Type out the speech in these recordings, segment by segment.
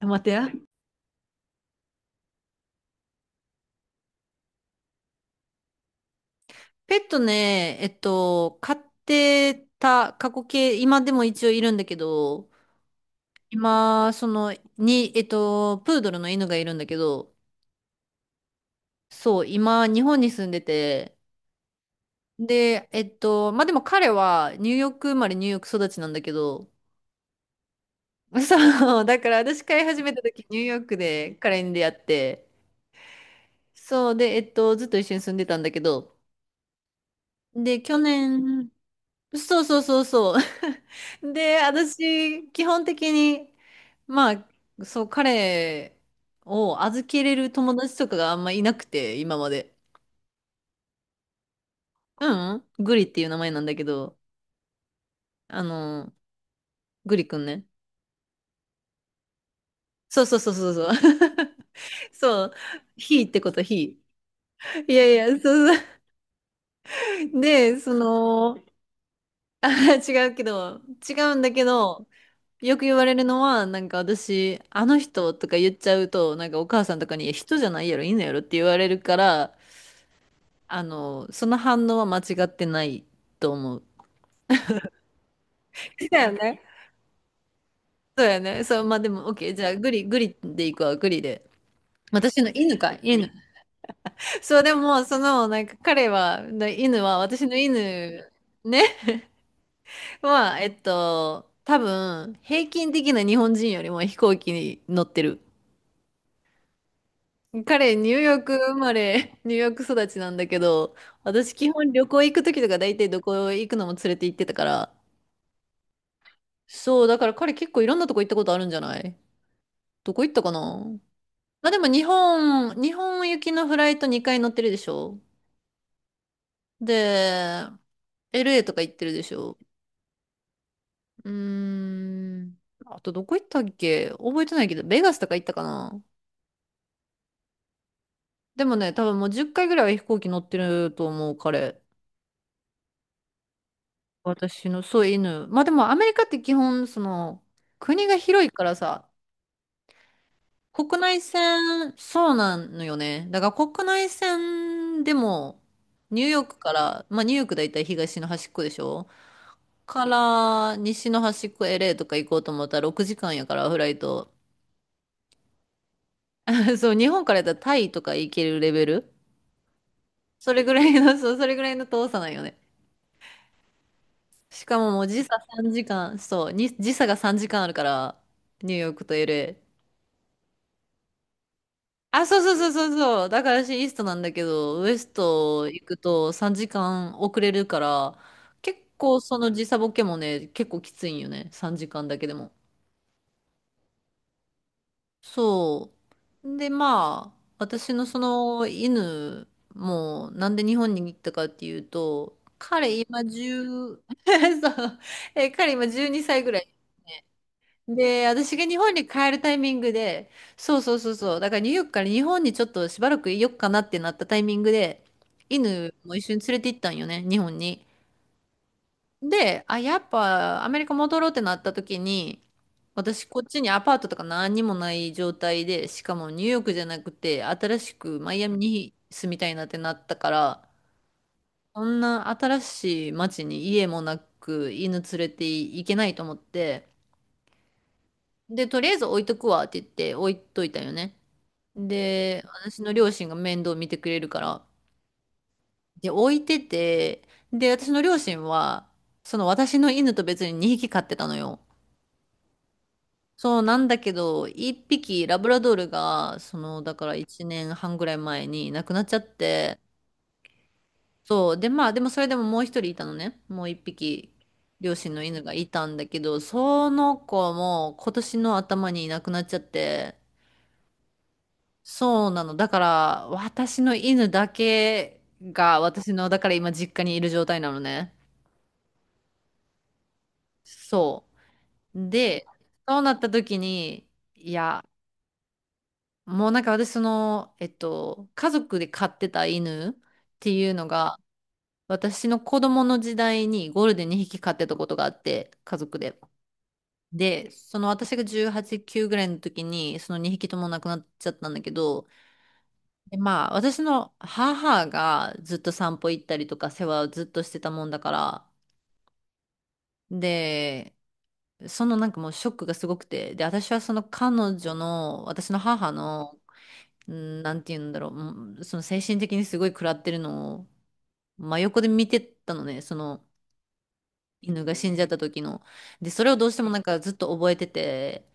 待ってや。ペットね、飼ってた過去形、今でも一応いるんだけど、今、その、に、プードルの犬がいるんだけど、そう、今、日本に住んでて、で、まあ、でも彼はニューヨーク生まれ、ニューヨーク育ちなんだけど、そう、だから私飼い始めた時、ニューヨークで彼に出会って、そう、で、ずっと一緒に住んでたんだけど、で、去年、そうそうそうそう。で、私、基本的に、まあ、そう、彼を預けれる友達とかがあんまいなくて、今まで。うん、うん、グリっていう名前なんだけど、あの、グリくんね。そうそうそうそうそう。そう、ひーってこと、ひー。いやいや、そうそう。で、その、あ、違うんだけど、よく言われるのは、なんか私、あの人とか言っちゃうと、なんかお母さんとかに、いや人じゃないやろ、犬やろって言われるから、その反応は間違ってないと思う。だよね。そうやね。そう、まあでも、オッケー。じゃあ、グリでいくわ、グリで。私の犬か、犬。そう、でも、その、なんか彼は、犬は、私の犬、ね、は、多分、平均的な日本人よりも飛行機に乗ってる。彼、ニューヨーク生まれ、ニューヨーク育ちなんだけど、私基本旅行行くときとか大体どこ行くのも連れて行ってたから、そう、だから彼結構いろんなとこ行ったことあるんじゃない？どこ行ったかな？まあでも日本行きのフライト2回乗ってるでしょ？で、LA とか行ってるでしょ？うーん。あとどこ行ったっけ覚えてないけど、ベガスとか行ったかな？でもね、多分もう10回ぐらいは飛行機乗ってると思う、彼。私の、そう、犬。まあでもアメリカって基本、その、国が広いからさ、国内線、そうなのよね。だから国内線でも、ニューヨークから、まあニューヨークだいたい東の端っこでしょ、から西の端っこ LA とか行こうと思ったら6時間やから、フライト。そう、日本からやったらタイとか行けるレベル。それぐらいの、そう、それぐらいの遠さなんよね。しかももう時差3時間、そう、に時差が3時間あるから、ニューヨークと LA。あ、そうそうそうそうそう。だから私イーストなんだけど、ウエスト行くと3時間遅れるから、結構その時差ボケもね、結構きついんよね。3時間だけでも。そう。で、まあ、私のその犬も、なんで日本に行ったかっていうと、彼今1、 そう、え、彼今12歳ぐらいで、私が日本に帰るタイミングで、そうそうそうそう、だからニューヨークから日本にちょっとしばらくいよっかなってなったタイミングで、犬も一緒に連れて行ったんよね、日本に。で、あ、やっぱアメリカ戻ろうってなった時に、私こっちにアパートとか何にもない状態で、しかもニューヨークじゃなくて、新しくマイアミに住みたいなってなったから、そんな新しい街に家もなく犬連れて行けないと思って、で、とりあえず置いとくわって言って置いといたよね。で、私の両親が面倒見てくれるから。で、置いてて、で、私の両親は、その私の犬と別に2匹飼ってたのよ。そうなんだけど、1匹ラブラドールが、その、だから1年半ぐらい前に亡くなっちゃって、そう。で、まあ、でもそれでももう1人いたのね。もう1匹、両親の犬がいたんだけど、その子も今年の頭にいなくなっちゃって、そうなの。だから、私の犬だけが、私の、だから今実家にいる状態なのね。そう。で、そうなった時に、いや、もうなんか私その、家族で飼ってた犬っていうのが、私の子供の時代にゴールデン2匹飼ってたことがあって、家族で。で、その私が18、9ぐらいの時に、その2匹とも亡くなっちゃったんだけど、でまあ、私の母がずっと散歩行ったりとか世話をずっとしてたもんだから、で、そのなんかもうショックがすごくて、で、私はその彼女の、私の母の、うんなんて言うんだろう、うんその精神的にすごい食らってるのを真横で見てたのね、その犬が死んじゃった時の。で、それをどうしてもなんかずっと覚えてて、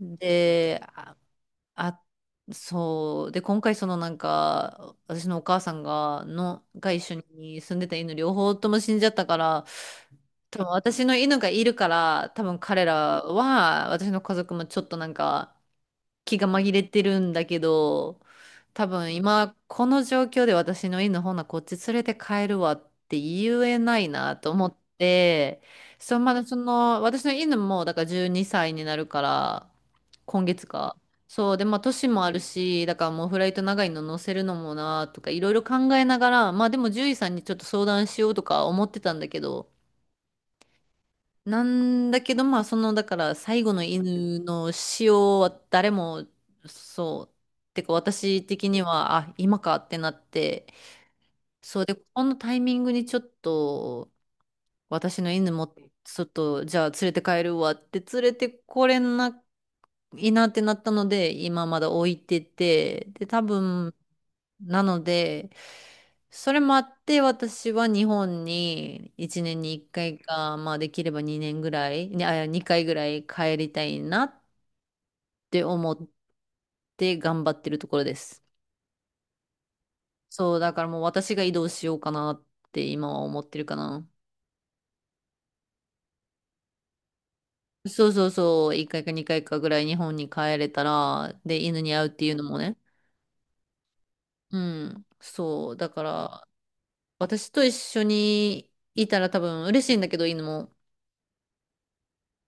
で、あ、そう。で、今回そのなんか、私のお母さんが、の、が一緒に住んでた犬両方とも死んじゃったから、多分私の犬がいるから、多分彼らは、私の家族もちょっとなんか、気が紛れてるんだけど、多分今この状況で私の犬ほなこっち連れて帰るわって言えないなと思って、そう、まだその私の犬もだから12歳にさいになるから、今月か。そうでまあ年もあるしだからもうフライト長いの乗せるのもなとかいろいろ考えながら、まあでも獣医さんにちょっと相談しようとか思ってたんだけどなんだけど、まあ、その、だから、最後の犬の死をは誰も、そう、てか、私的には、あ、今かってなって、そうで、このタイミングにちょっと、私の犬も、ちょっと、じゃあ連れて帰るわって連れてこれないいなってなったので、今まだ置いてて、で、多分、なので、それもあって、私は日本に1年に1回かいか、まあできれば2年ぐらい、にあ、2回ぐらい帰りたいなって思って頑張ってるところです。そう、だからもう私が移動しようかなって今は思ってるかな。そうそうそう、1回か2回かいかぐらい日本に帰れたら、で、犬に会うっていうのもね。うん、そう、だから、私と一緒にいたら多分嬉しいんだけど、犬も。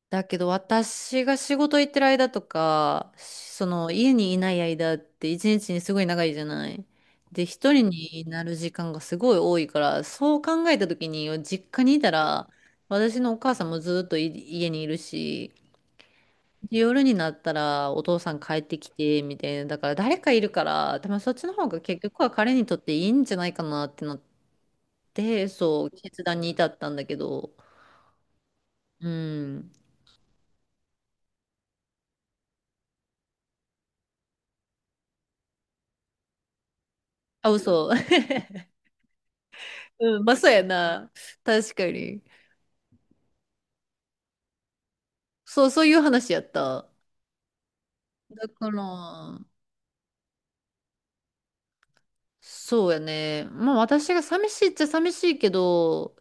だけど私が仕事行ってる間とか、その家にいない間って一日にすごい長いじゃない。で、一人になる時間がすごい多いから、そう考えた時に実家にいたら、私のお母さんもずっとい家にいるし、で夜になったらお父さん帰ってきて、みたいな。だから誰かいるから、多分そっちの方が結局は彼にとっていいんじゃないかなってなって、そう、決断に至ったんだけど。うん。あ、嘘。うん、まあ、そうやな。確かに。そう、そういう話やった。だから、そうやね。まあ、私が寂しいっちゃ寂しいけど、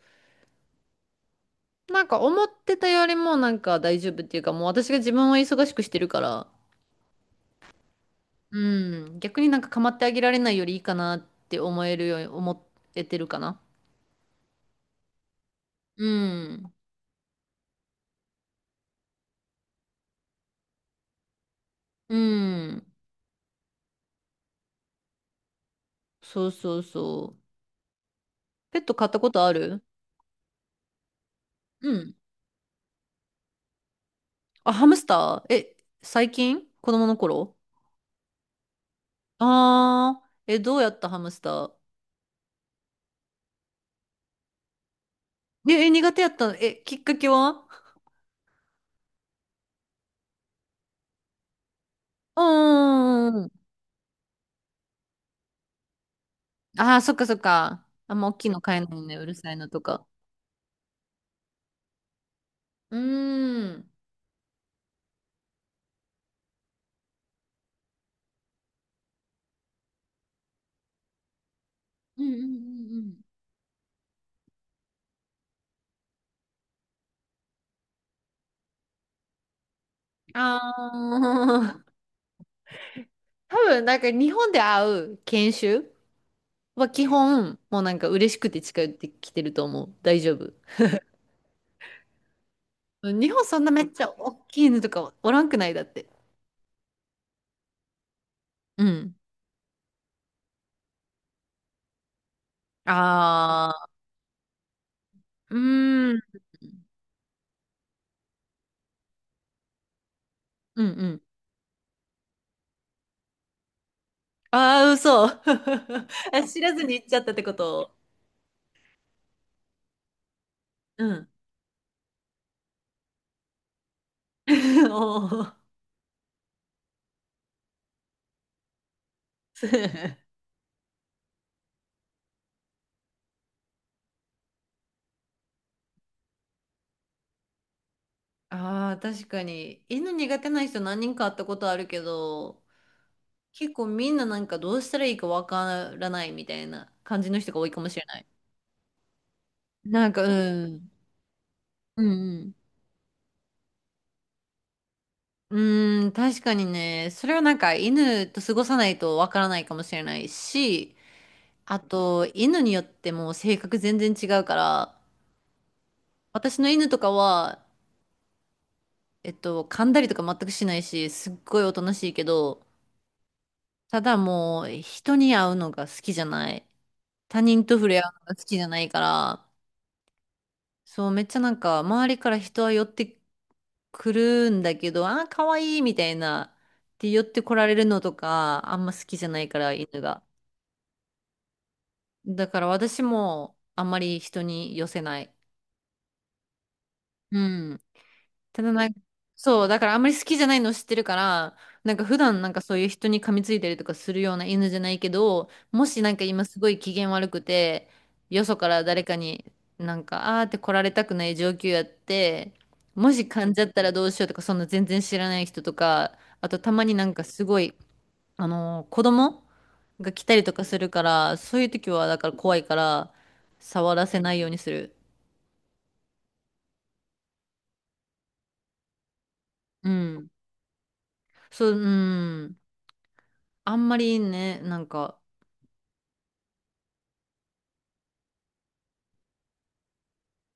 なんか思ってたよりもなんか大丈夫っていうか、もう私が自分は忙しくしてるから、うん、逆になんか構ってあげられないよりいいかなって思えるように思えてるかな。うん。うん。そうそうそう。ペット飼ったことある？うん。あ、ハムスター？え、最近？子供の頃？あー、え、どうやったハムスター？え、え苦手やったの？え、きっかけは？うーん。ああ、そっかそっか。あんま大きいの買えないのね。うるさいのとか。うーん。うんうんうんうん。ああ、多分なんか日本で会う研修は基本、もうなんか嬉しくて近寄ってきてると思う。大丈夫。日本そんなめっちゃ大きい犬とかおらんくないだって。うん。あうーん。うんうん。ああ、嘘。あ知らずに行っちゃったってこと？うん。おー ああ、確かに。犬苦手な人何人か会ったことあるけど、結構みんななんかどうしたらいいかわからないみたいな感じの人が多いかもしれない。なんか、うん。うんうん。うーん、確かにね、それはなんか犬と過ごさないとわからないかもしれないし、あと、犬によっても性格全然違うから、私の犬とかは、噛んだりとか全くしないし、すっごいおとなしいけど、ただもう、人に会うのが好きじゃない。他人と触れ合うのが好きじゃないから、そう、めっちゃなんか、周りから人は寄ってくるんだけど、あー、かわいいみたいな、って寄ってこられるのとか、あんま好きじゃないから、犬が。だから私も、あんまり人に寄せない。うん。ただなんか、そう、だからあんまり好きじゃないの知ってるから、なんか普段なんかそういう人に噛みついたりとかするような犬じゃないけど、もしなんか今すごい機嫌悪くて、よそから誰かになんか、あーって来られたくない状況やって、もし噛んじゃったらどうしようとか、そんな全然知らない人とか、あとたまになんかすごい、子供が来たりとかするから、そういう時はだから怖いから、触らせないようにする。うん。そう、うん。あんまりね、なんか、